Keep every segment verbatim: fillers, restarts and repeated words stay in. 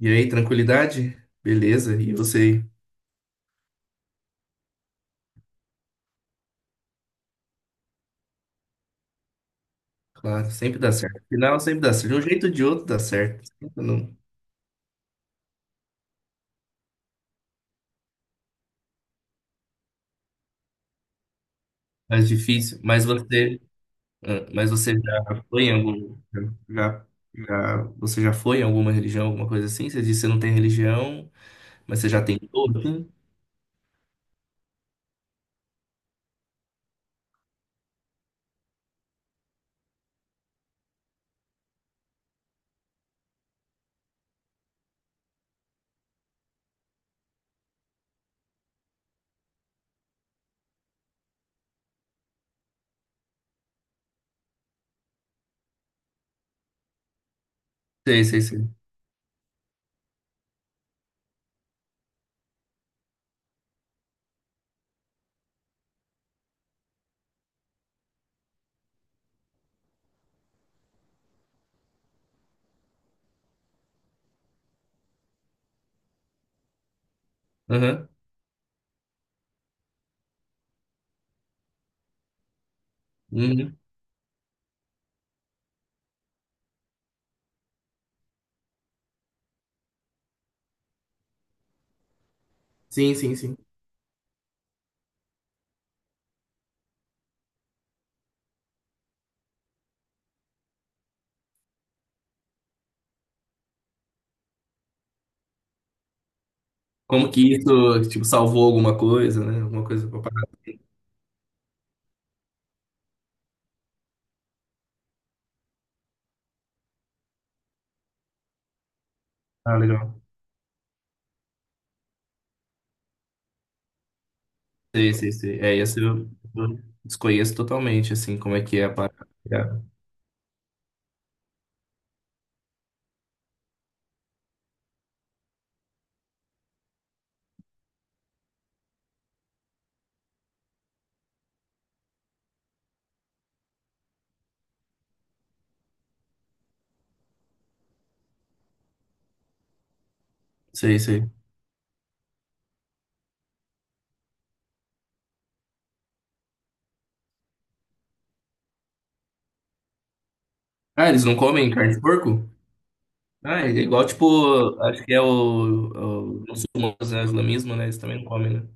E aí, tranquilidade? Beleza, e você? Claro, sempre dá certo. Afinal, sempre dá certo. De um jeito ou de outro dá certo. Sempre não. Mais difícil. Mas você, ah, mas você já foi em algum, já, já, você já foi em alguma religião, alguma coisa assim? Você disse que você não tem religião, mas você já tentou, assim? Sei, sei, sei. Aham. Uhum. Sim, sim, sim. Como que isso, tipo, salvou alguma coisa, né? Alguma coisa pra parar. Ah, legal. Sei, sei, sei. É, isso eu eu desconheço totalmente, assim, como é que é a parada. Sei, sei. Ah, eles não comem carne de porco? Ah, é igual, tipo, acho que é o, é o muçulmanos, né? O islamismo, né? Eles também não comem, né?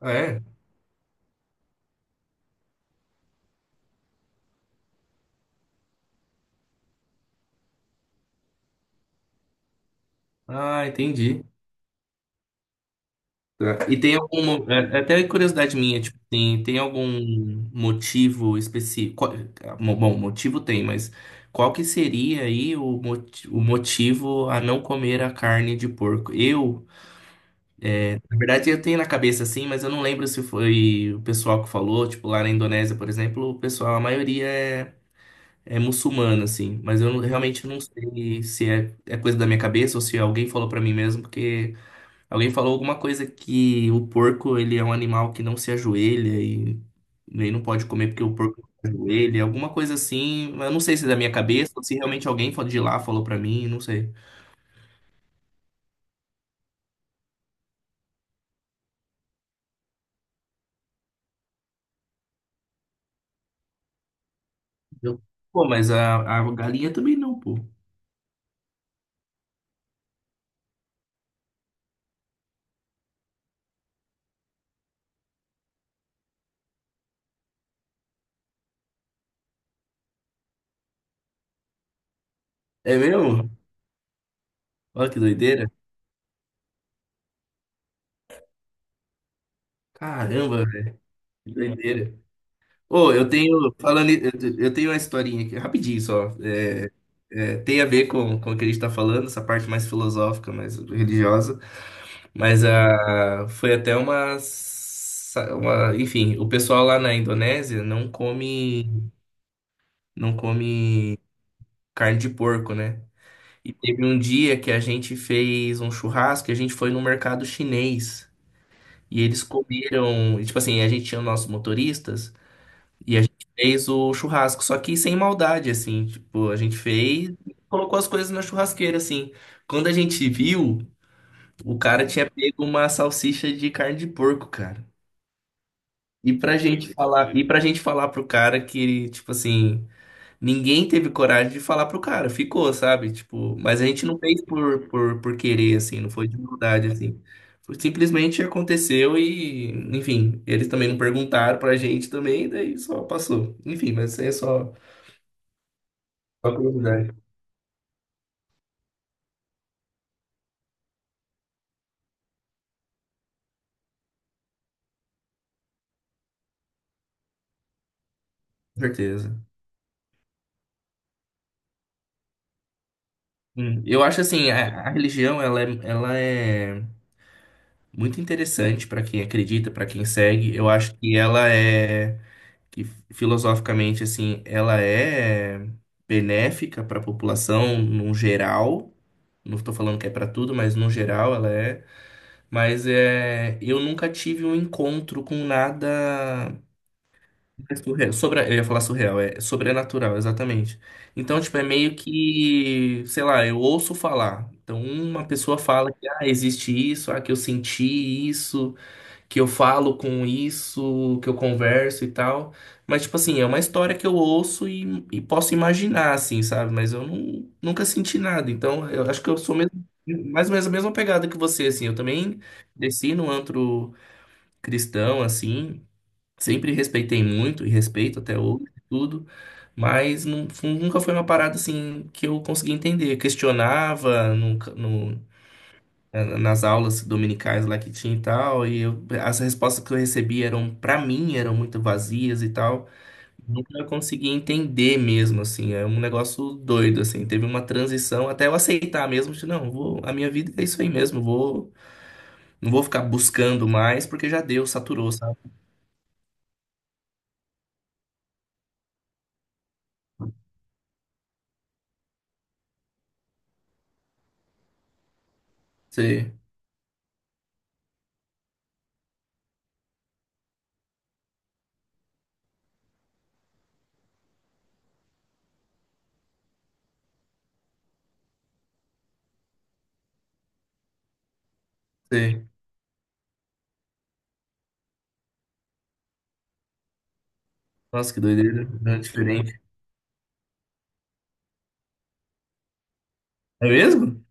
Ah, é? Ah, entendi. E tem algum. é- é Até curiosidade minha, tipo, tem, tem algum motivo específico? qual- mo- Bom, motivo tem, mas qual que seria aí o, moti- o motivo a não comer a carne de porco? Eu, na verdade, eu tenho na cabeça assim, mas eu não lembro se foi o pessoal que falou, tipo, lá na Indonésia, por exemplo, o pessoal, a maioria é. É muçulmana, assim, mas eu não- realmente não sei se é, é coisa da minha cabeça ou se alguém falou pra mim mesmo, porque alguém falou alguma coisa que o porco, ele é um animal que não se ajoelha e nem não pode comer porque o porco não se ajoelha, alguma coisa assim, mas eu não sei se é da minha cabeça ou se realmente alguém fa- de lá falou pra mim, não sei. Eu, pô, mas a, a galinha também não, pô. É mesmo? Olha que doideira. Caramba, velho, que doideira. Ô, eu tenho, falando, eu eu tenho uma historinha aqui, rapidinho só. É, é, tem a ver com, com o que a gente tá falando, essa parte mais filosófica, mais religiosa. Mas a, foi até uma, sa- uma. Enfim, o pessoal lá na Indonésia não come, não come carne de porco, né? E teve um dia que a gente fez um churrasco e a gente foi no mercado chinês. E eles comeram, e, tipo assim, a gente tinha nossos motoristas. E a gente fez o churrasco, só que sem maldade, assim, tipo, a gente fez e colocou as coisas na churrasqueira, assim. Quando a gente viu, o cara tinha pego uma salsicha de carne de porco, cara. E pra gente falar, e pra gente falar pro cara que, tipo assim, ninguém teve coragem de falar pro cara, ficou, sabe? Tipo, mas a gente não fez por, por, por querer, assim, não foi de maldade, assim. Foi- Simplesmente aconteceu e, enfim, eles também não perguntaram pra gente também, daí só passou. Enfim, mas é só. Uma curiosidade, com certeza. Hum, Eu acho assim, a, a religião ela é, ela é muito interessante para quem acredita, para quem segue. Eu acho que ela é que filosoficamente assim, ela é benéfica para a população no geral. Não estou falando que é para tudo, mas no geral ela é. Mas é, eu nunca tive um encontro com nada. É surreal. Sobra... Eu ia falar surreal, é sobrenatural, exatamente. Então, tipo, é meio que, sei lá, eu ouço falar. Então, uma pessoa fala que, ah, existe isso, ah, que eu senti isso, que eu falo com isso, que eu converso e tal. Mas, tipo assim, é uma história que eu ouço e, e posso imaginar, assim, sabe? Mas eu nu- nunca senti nada. Então, eu acho que eu sou mesmo, mais ou menos a mesma pegada que você, assim. Eu também desci no antro cristão, assim. Sempre respeitei muito e respeito até hoje, tudo, mas não, fu- nunca foi uma parada assim que eu consegui entender. Eu questionava nunca- no- na- nas aulas dominicais lá que tinha e tal, e eu- as respostas que eu recebia eram, pra mim, eram muito vazias e tal. Nunca consegui entender mesmo, assim, é um negócio doido, assim. Teve uma transição até eu aceitar mesmo, de não, vou, a minha vida é isso aí mesmo, vou, não vou ficar buscando mais, porque já deu, saturou, sabe? Sim, sim. Nossa, que doideira. É diferente. É mesmo?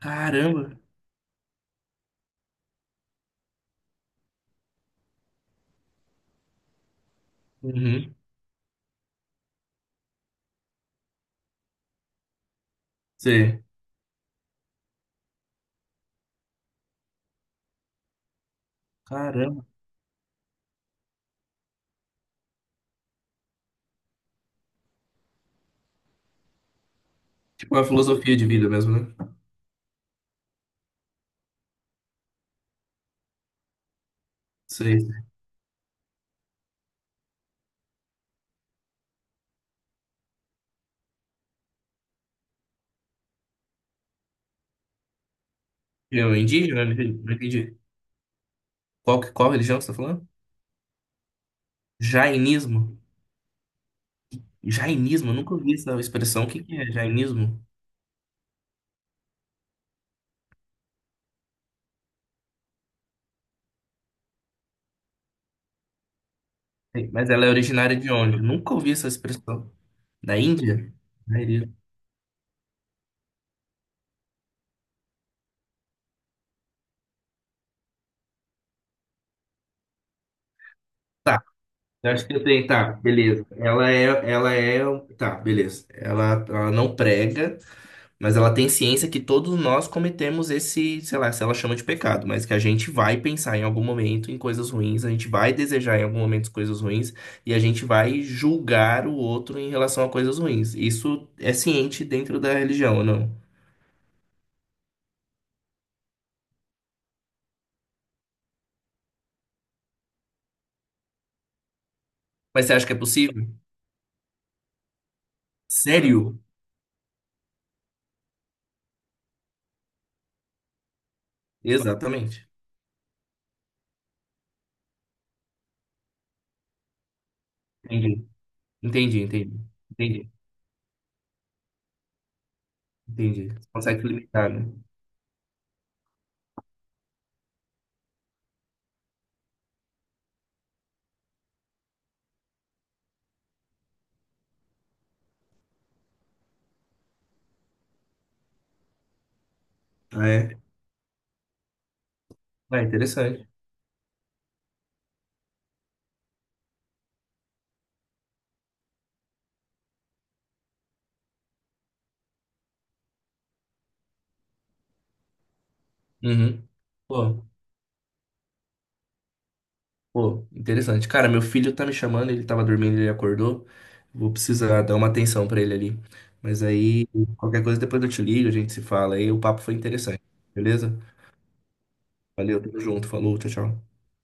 Caramba. Uhum. Sei. Caramba. Tipo é a filosofia de vida mesmo, né? Sei. Eu, indígena? Não entendi. Não entendi. Qual, que- qual religião que você tá falando? Jainismo? Jainismo? Eu nunca ouvi essa expressão. O que que é jainismo? Sei, mas ela é originária de onde? Eu nunca ouvi essa expressão. Da Índia? Da Índia. Tá. Eu acho que eu tenho. Tá, beleza. Ela é. Ela é. um, Tá, beleza. Ela, ela não prega. Mas ela tem ciência que todos nós cometemos esse, sei lá, se ela chama de pecado, mas que a gente vai pensar em algum momento em coisas ruins, a gente vai desejar em algum momento coisas ruins e a gente vai julgar o outro em relação a coisas ruins. Isso é ciente dentro da religião, ou não? Mas você acha que é possível? Sério? Exatamente. Entendi. Entendi, entendi. Entendi, entendi. Você consegue limitar, né? Ah, é? Ah, interessante. Uhum. Pô. Pô, interessante. Cara, meu filho tá me chamando, ele tava dormindo, ele acordou. Vou precisar dar uma atenção pra ele ali. Mas aí, qualquer coisa depois eu te ligo, a gente se fala aí. O papo foi interessante, beleza? Valeu, tamo junto, falou, tchau, tchau.